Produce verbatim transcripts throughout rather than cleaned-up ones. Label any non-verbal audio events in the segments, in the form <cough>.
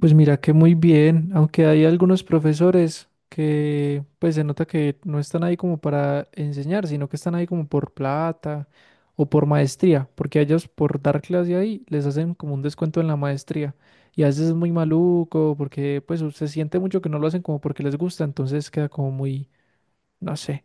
Pues mira que muy bien, aunque hay algunos profesores que pues se nota que no están ahí como para enseñar, sino que están ahí como por plata o por maestría, porque a ellos por dar clase ahí les hacen como un descuento en la maestría y a veces es muy maluco porque pues u- se siente mucho que no lo hacen como porque les gusta, entonces queda como muy, no sé.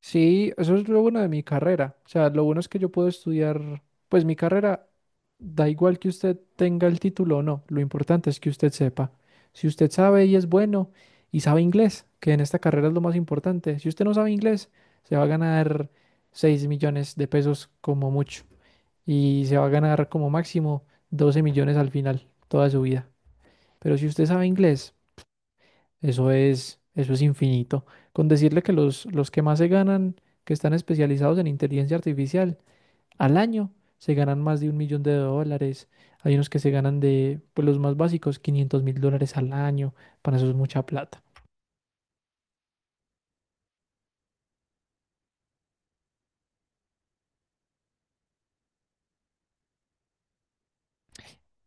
Sí, eso es lo bueno de mi carrera. O sea, lo bueno es que yo puedo estudiar, pues mi carrera da igual que usted tenga el título o no, lo importante es que usted sepa. Si usted sabe y es bueno y sabe inglés, que en esta carrera es lo más importante, si usted no sabe inglés, se va a ganar seis millones de pesos como mucho y se va a ganar como máximo doce millones al final, toda su vida. Pero si usted sabe inglés, eso es, eso es infinito. Con decirle que los, los que más se ganan, que están especializados en inteligencia artificial, al año se ganan más de un millón de dólares. Hay unos que se ganan de, pues los más básicos, quinientos mil dólares al año. Para eso es mucha plata.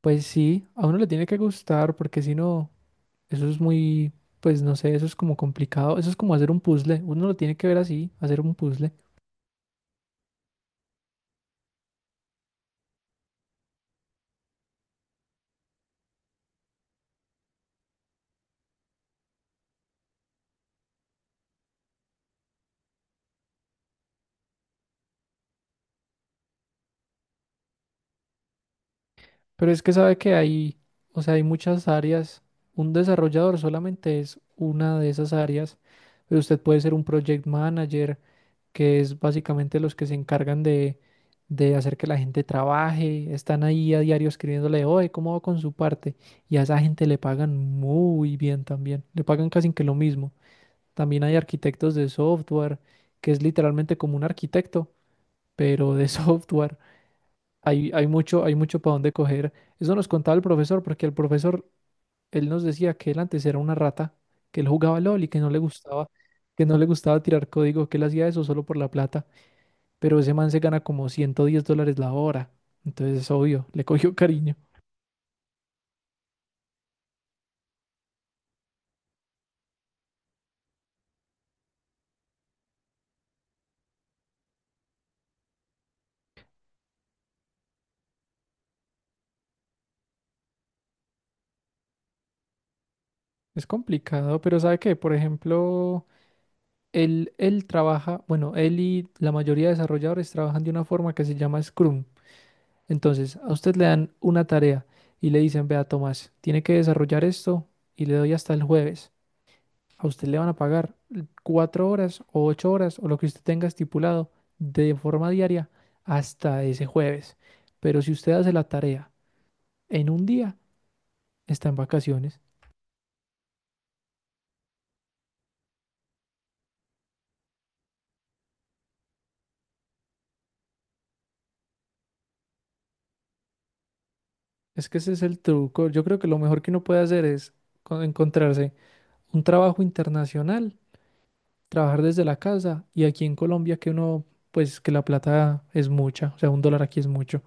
Pues sí, a uno le tiene que gustar porque si no, eso es muy, pues no sé, eso es como complicado. Eso es como hacer un puzzle. Uno lo tiene que ver así, hacer un puzzle. Pero es que sabe que hay, o sea, hay muchas áreas. Un desarrollador solamente es una de esas áreas, pero usted puede ser un project manager, que es básicamente los que se encargan de, de hacer que la gente trabaje, están ahí a diario escribiéndole, oye, ¿cómo va con su parte? Y a esa gente le pagan muy bien también, le pagan casi que lo mismo. También hay arquitectos de software, que es literalmente como un arquitecto, pero de <laughs> software. Hay, hay mucho, hay mucho para dónde coger. Eso nos contaba el profesor, porque el profesor, él nos decía que él antes era una rata, que él jugaba LOL y que no le gustaba, que no le gustaba tirar código, que él hacía eso solo por la plata. Pero ese man se gana como ciento diez dólares la hora. Entonces es obvio, le cogió <laughs> cariño. Es complicado, pero ¿sabe qué? Por ejemplo, él, él trabaja, bueno, él y la mayoría de desarrolladores trabajan de una forma que se llama Scrum. Entonces, a usted le dan una tarea y le dicen, vea, Tomás, tiene que desarrollar esto y le doy hasta el jueves. A usted le van a pagar cuatro horas o ocho horas o lo que usted tenga estipulado de forma diaria hasta ese jueves. Pero si usted hace la tarea en un día, está en vacaciones. Es que ese es el truco. Yo creo que lo mejor que uno puede hacer es co- encontrarse un trabajo internacional, trabajar desde la casa y aquí en Colombia que uno, pues que la plata es mucha, o sea, un dólar aquí es mucho.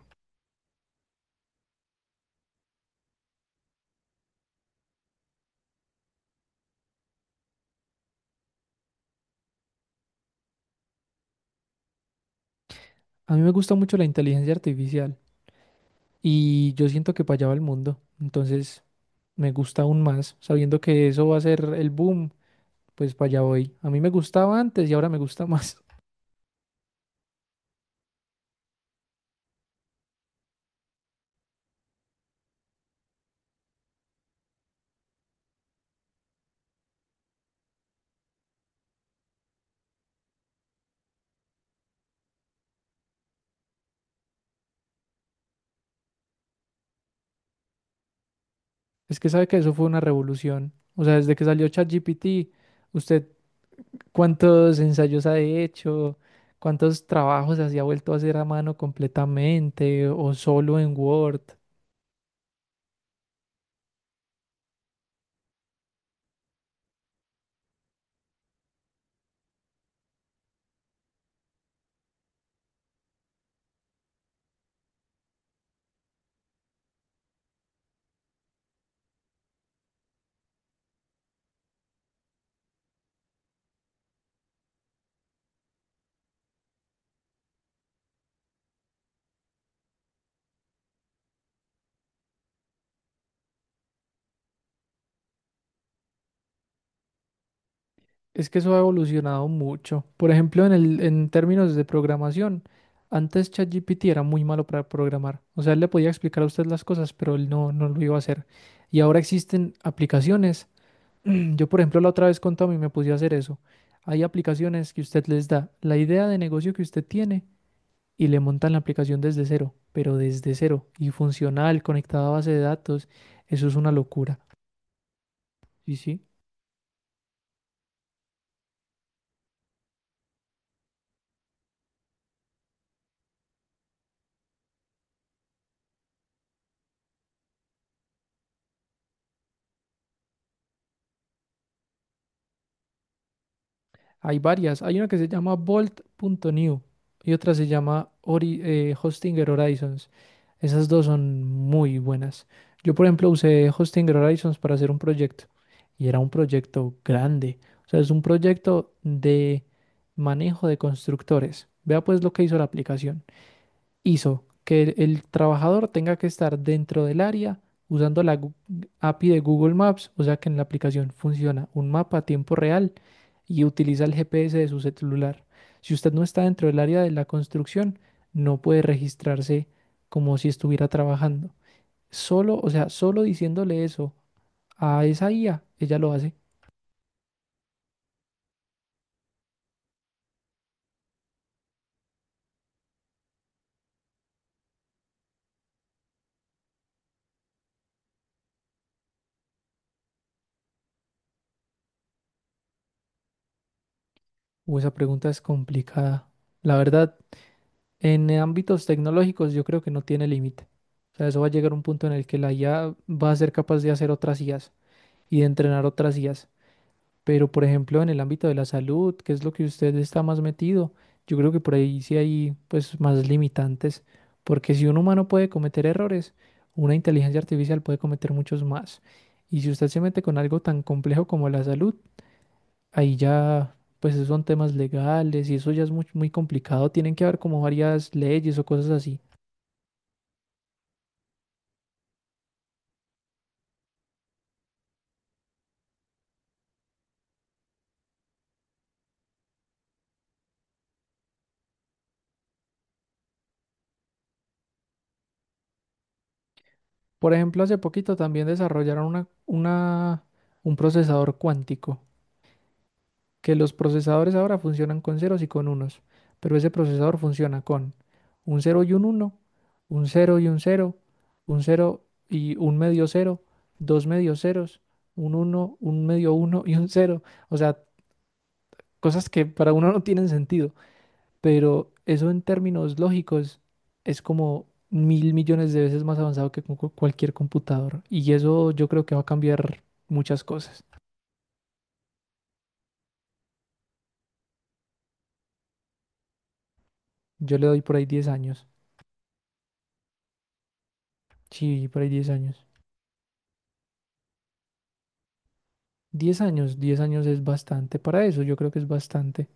A mí me gusta mucho la inteligencia artificial y yo siento que para allá va el mundo. Entonces me gusta aún más, sabiendo que eso va a ser el boom, pues para allá voy. A mí me gustaba antes y ahora me gusta más. <laughs> Es que sabe que eso fue una revolución. O sea, desde que salió ChatGPT, usted cuántos ensayos ha hecho, cuántos trabajos así ha vuelto a hacer a mano completamente o solo en Word. Es que eso ha evolucionado mucho. Por ejemplo, en el, en términos de programación, antes ChatGPT era muy malo para programar. O sea, él le podía explicar a usted las cosas, pero él no, no lo iba a hacer. Y ahora existen aplicaciones. <clears throat> Yo, por ejemplo, la otra vez con Tommy me puse a hacer eso. Hay aplicaciones que usted les da la idea de negocio que usted tiene y le montan la aplicación desde cero, pero desde cero y funcional, conectada a base de datos. Eso es una locura. Sí, sí. Hay varias. Hay una que se llama Bolt punto new y otra se llama Ori- eh, Hostinger Horizons. Esas dos son muy buenas. Yo, por ejemplo, usé Hostinger Horizons para hacer un proyecto y era un proyecto grande. O sea, es un proyecto de manejo de constructores. Vea pues lo que hizo la aplicación. Hizo que el, el trabajador tenga que estar dentro del área usando la Gu- A P I de Google Maps, o sea que en la aplicación funciona un mapa a tiempo real y utiliza el G P S de su celular. Si usted no está dentro del área de la construcción, no puede registrarse como si estuviera trabajando. Solo, o sea, solo diciéndole eso a esa I A, ella lo hace. O esa pregunta es complicada. La verdad, en ámbitos tecnológicos yo creo que no tiene límite. O sea, eso va a llegar a un punto en el que la I A va a ser capaz de hacer otras I As y de entrenar otras I As. Pero, por ejemplo, en el ámbito de la salud, qué es lo que usted está más metido, yo creo que por ahí sí hay pues más limitantes, porque si un humano puede cometer errores, una inteligencia artificial puede cometer muchos más. Y si usted se mete con algo tan complejo como la salud, ahí ya pues esos son temas legales y eso ya es muy, muy complicado, tienen que haber como varias leyes o cosas así. Por ejemplo, hace poquito también desarrollaron una, una, un procesador cuántico que los procesadores ahora funcionan con ceros y con unos, pero ese procesador funciona con un cero y un uno, un cero y un cero, un cero y un medio cero, dos medios ceros, un uno, un medio uno y un cero. O sea, cosas que para uno no tienen sentido, pero eso en términos lógicos es como mil millones de veces más avanzado que con cu- cualquier computador. Y eso yo creo que va a cambiar muchas cosas. Yo le doy por ahí diez años. Sí, por ahí diez años. Diez años, diez años es bastante para eso, yo creo que es bastante.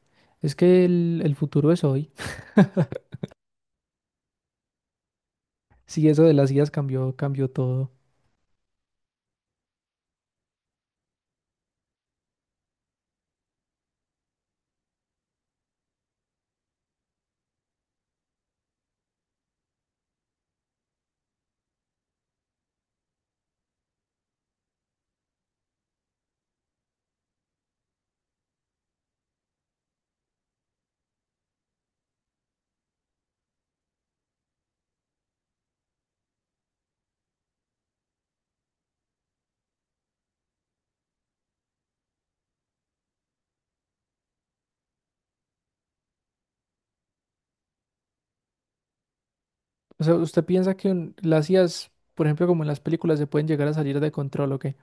Es que el, el futuro es hoy. <laughs> Si eso de las I As cambió, cambió todo. O sea, ¿usted piensa que un- las I As, por ejemplo, como en las películas, se pueden llegar a salir de control o qué?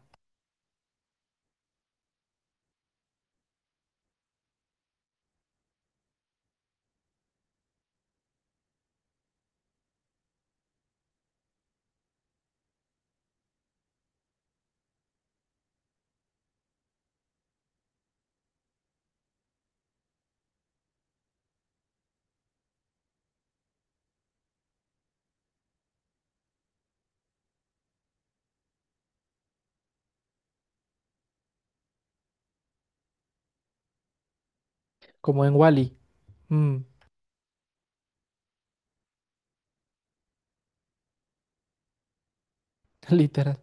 Como en Wall-E. Mm, <laughs> literal.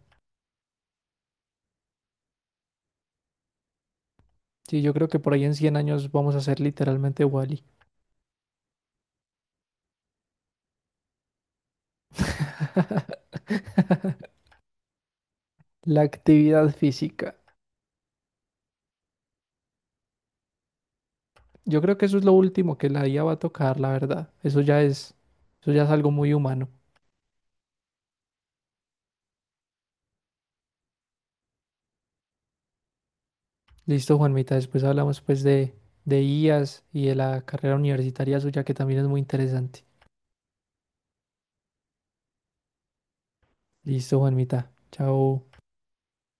Sí, yo creo que por ahí en cien años vamos a ser literalmente Wall-E. <laughs> La actividad física. Yo creo que eso es lo último que la I A va a tocar, la verdad. Eso ya es, eso ya es algo muy humano. Listo, Juanmita. Después hablamos pues de, de I A S y de la carrera universitaria suya que también es muy interesante. Listo, Juanmita. Chao.